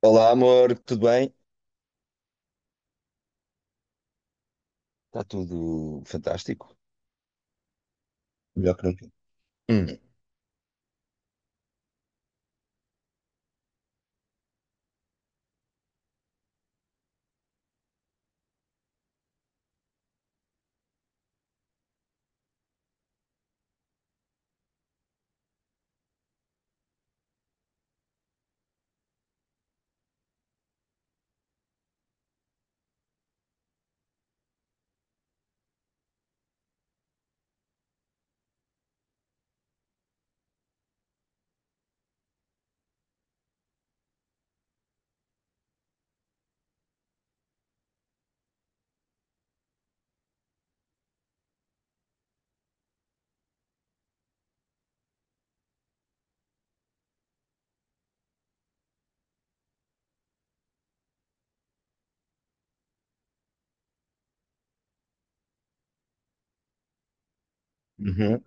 Olá, amor, tudo bem? Está tudo fantástico? Melhor que nunca. Hum, uhum,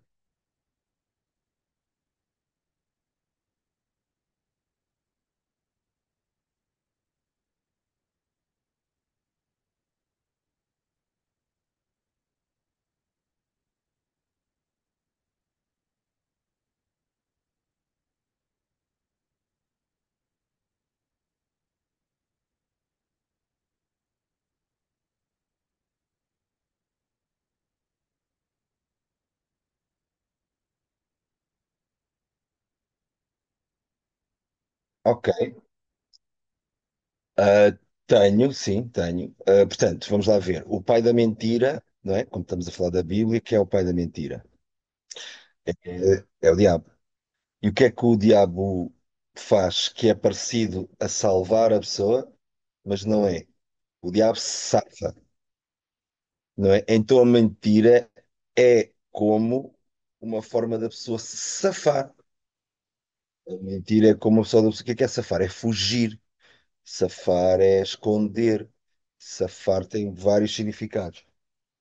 ok. Ah, tenho, sim, tenho. Ah, portanto, vamos lá ver. O pai da mentira, não é? Como estamos a falar da Bíblia, que é o pai da mentira? É, é o diabo. E o que é que o diabo faz que é parecido a salvar a pessoa, mas não é? O diabo salva, não é? Então a mentira é como uma forma da pessoa se safar. Mentir é como o pessoal do... O que é safar? É fugir. Safar é esconder. Safar tem vários significados.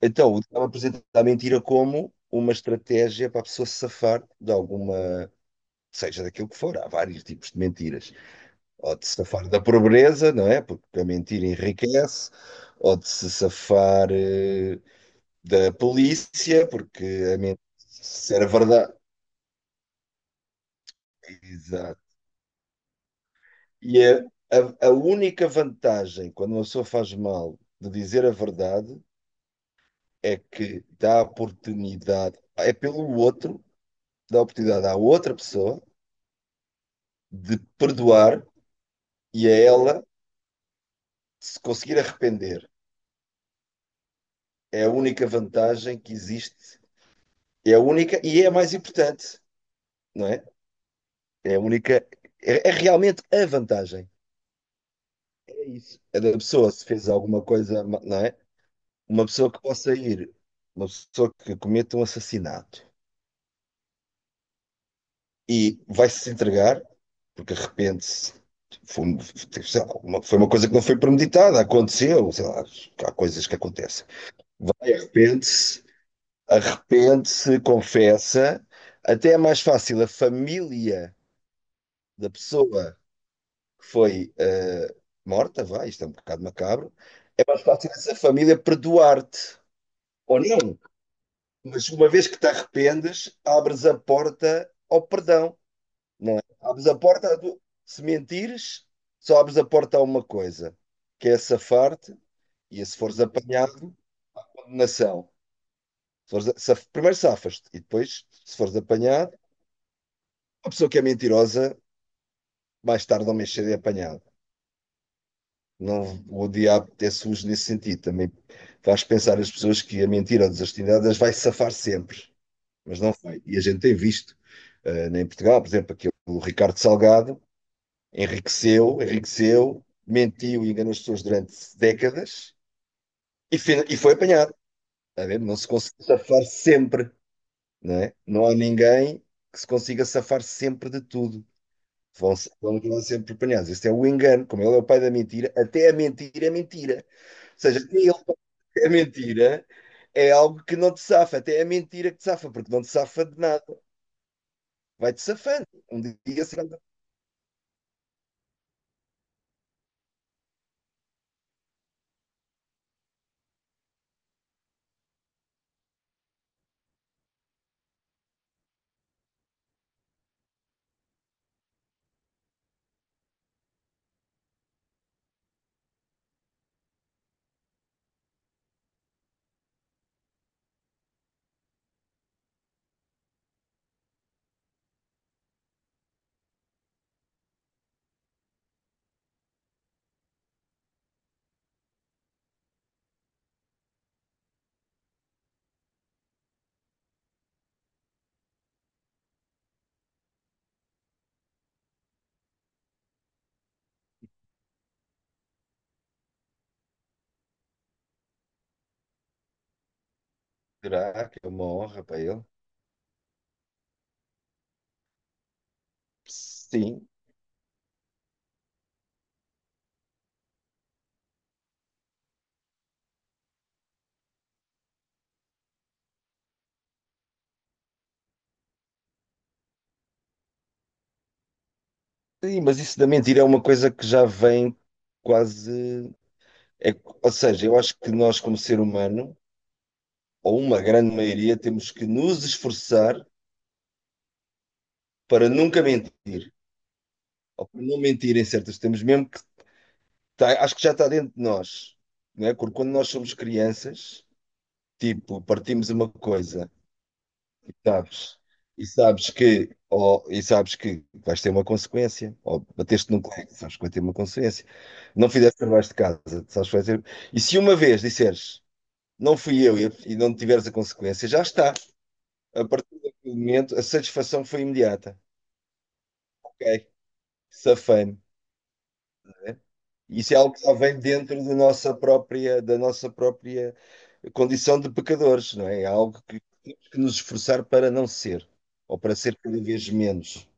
Então, o diabo apresenta a mentira como uma estratégia para a pessoa se safar de alguma... Seja daquilo que for, há vários tipos de mentiras. Ou de se safar da pobreza, não é? Porque a mentira enriquece. Ou de se safar da polícia, porque a mentira... Se era verdade. Exato. E é a única vantagem quando uma pessoa faz mal de dizer a verdade é que dá oportunidade, é pelo outro, dá oportunidade à outra pessoa de perdoar e a ela se conseguir arrepender. É a única vantagem que existe, é a única e é a mais importante, não é? É a única, é, é realmente a vantagem. É isso. É da pessoa se fez alguma coisa, não é? Uma pessoa que possa ir, uma pessoa que cometa um assassinato e vai-se entregar, porque de repente foi, um, sei lá, uma, foi uma coisa que não foi premeditada, aconteceu, sei lá, há coisas que acontecem. Vai, arrepende-se, arrepende-se, confessa, até é mais fácil a família da pessoa que foi morta, vai, isto é um bocado macabro, mais fácil essa família perdoar-te, ou não, mas uma vez que te arrependes, abres a porta ao perdão. Não é? Abres a porta, se mentires, só abres a porta a uma coisa, que é safar-te, e se fores apanhado, condenação. Se fores primeiro safas-te, e depois, se fores apanhado, a pessoa que é mentirosa, mais tarde ou mais cedo é apanhada. Não, o diabo é sujo nesse sentido. Também faz pensar as pessoas que a mentira ou a desonestidade as vai safar sempre, mas não vai. E a gente tem visto, em Portugal, por exemplo, aquele o Ricardo Salgado, enriqueceu, enriqueceu, mentiu e enganou as pessoas durante décadas e, e foi apanhado. Está a ver? Não se consegue safar sempre, não é? Não há ninguém que se consiga safar sempre de tudo. Vão, vão acabar sempre apanhados. Este é o engano, como ele é o pai da mentira, até a mentira é mentira. Ou seja, até ele a mentira é algo que não te safa, até é a mentira que te safa, porque não te safa de nada. Vai-te safando. Um dia será. Será que é uma honra para ele? Sim. Sim, mas isso da mentira é uma coisa que já vem quase. É, ou seja, eu acho que nós, como ser humano, ou uma grande maioria, temos que nos esforçar para nunca mentir, ou para não mentir em certos temos mesmo que acho que já está dentro de nós, não é? Porque quando nós somos crianças, tipo, partimos uma coisa. Sabes, e sabes que, ou, e sabes que vais ter uma consequência, ou bateste num colega, sabes que vai ter uma consequência, não fizeste trabalhos de casa, sabes que vai ter. E se uma vez disseres não fui eu e não tiveres a consequência, já está. A partir daquele momento, a satisfação foi imediata. Ok, safame. Isso é algo que já vem dentro da nossa própria condição de pecadores, não é? É algo que temos que nos esforçar para não ser, ou para ser cada vez menos.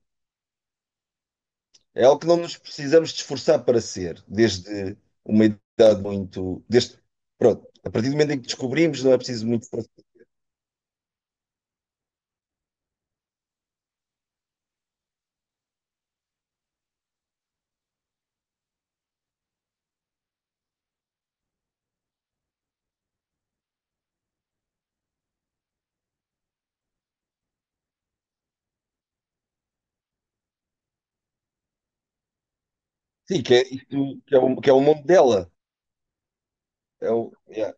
É algo que não nos precisamos de esforçar para ser, desde uma idade muito. Desde, pronto, a partir do momento em que descobrimos, não é preciso muito esforço. Sim, que é, isto, que é o mundo dela. É o, yeah,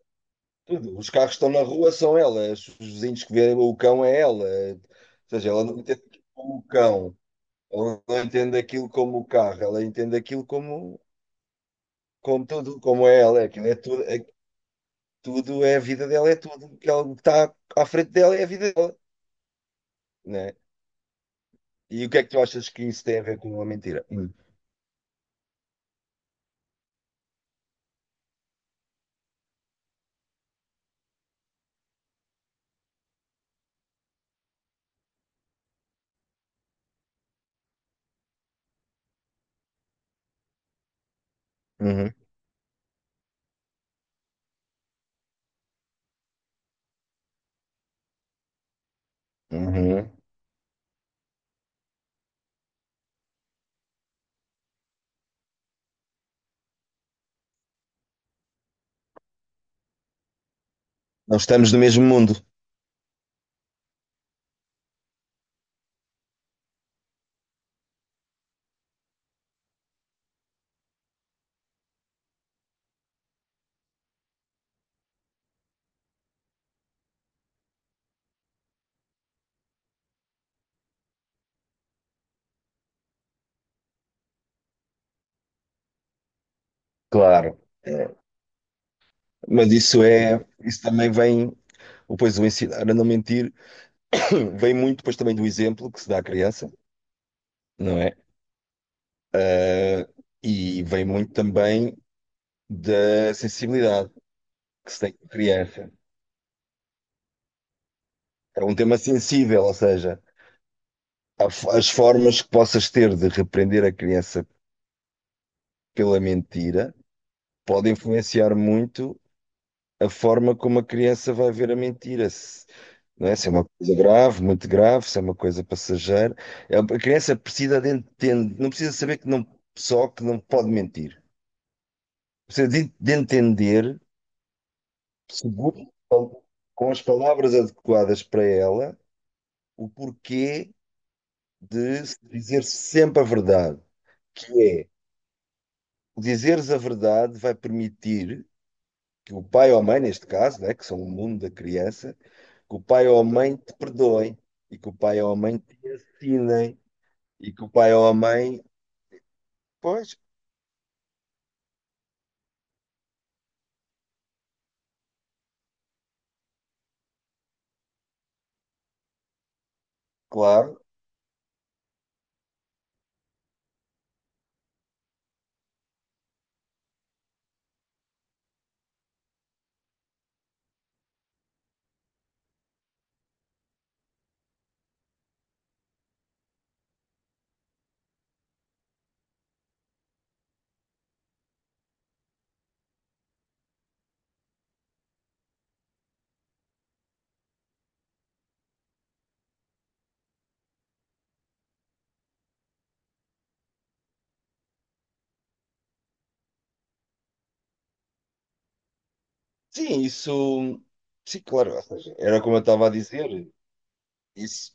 tudo. Os carros que estão na rua são elas, os vizinhos que vêem o cão é ela. Ou seja, ela não entende aquilo como o cão, ela não entende aquilo como o carro, ela entende aquilo como, como tudo, como é ela. Aquilo é tudo, é, tudo é a vida dela, é tudo. O que está à frente dela é a vida dela. Né? E o que é que tu achas que isso tem a ver com uma mentira? Hum. Uhum. Uhum. Não estamos no mesmo mundo, claro. É. Mas isso é, isso também vem, ou pois o ensinar a não mentir vem muito depois também do exemplo que se dá à criança, não é? Ah, e vem muito também da sensibilidade que se tem com a criança. É um tema sensível, ou seja, as formas que possas ter de repreender a criança pela mentira podem influenciar muito a forma como a criança vai ver a mentira, se, não é? Se é uma coisa grave, muito grave, se é uma coisa passageira. A criança precisa de entender, não precisa saber que não, só que não pode mentir. Precisa de entender, seguro, com as palavras adequadas para ela, o porquê de se dizer sempre a verdade, que é, o dizeres a verdade vai permitir que o pai ou a mãe, neste caso, né, que são o mundo da criança, que o pai ou a mãe te perdoem e que o pai ou a mãe te ensinem e que o pai ou a mãe. Pois, claro. Sim, isso. Sim, claro. Ou seja, era como eu estava a dizer. Isso,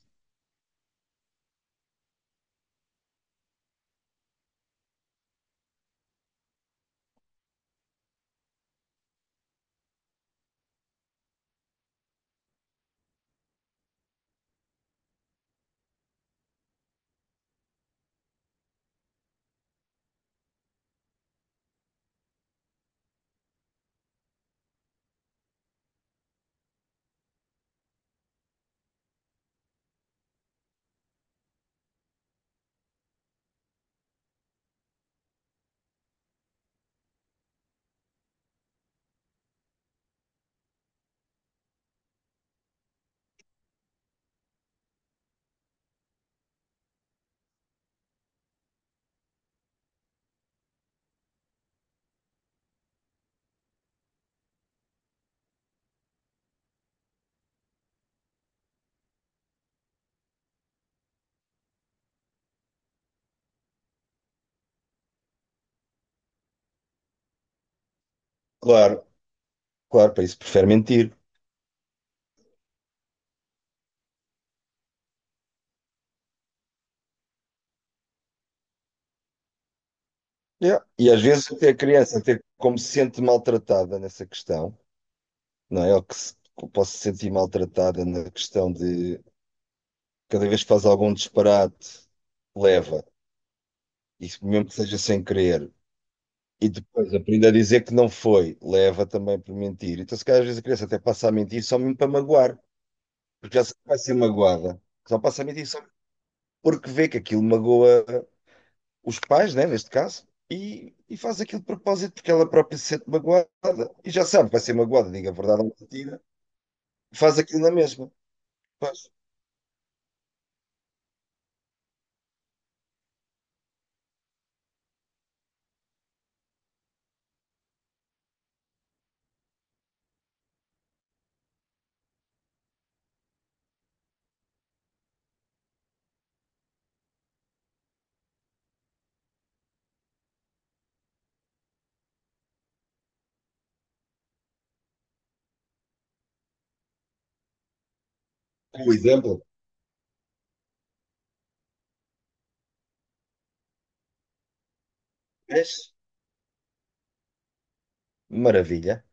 claro, claro, para isso prefere mentir. Yeah. E às vezes até a criança, até como se sente maltratada nessa questão, não é? Ou que se, que posso se sentir maltratada na questão de cada vez que faz algum disparate, leva. E mesmo que seja sem querer, e depois aprende a dizer que não foi, leva também por mentir. Então, se calhar, às vezes a criança até passa a mentir só mesmo para magoar, porque já sabe que vai ser magoada. Só passa a mentir só porque vê que aquilo magoa os pais, né, neste caso, e faz aquilo de propósito porque ela própria se sente magoada. E já sabe que vai ser magoada, diga a verdade ou mentira, faz aquilo na mesma. Pois, o exemplo. Vês? Maravilha.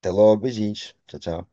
Até logo, beijinhos. Tchau, tchau.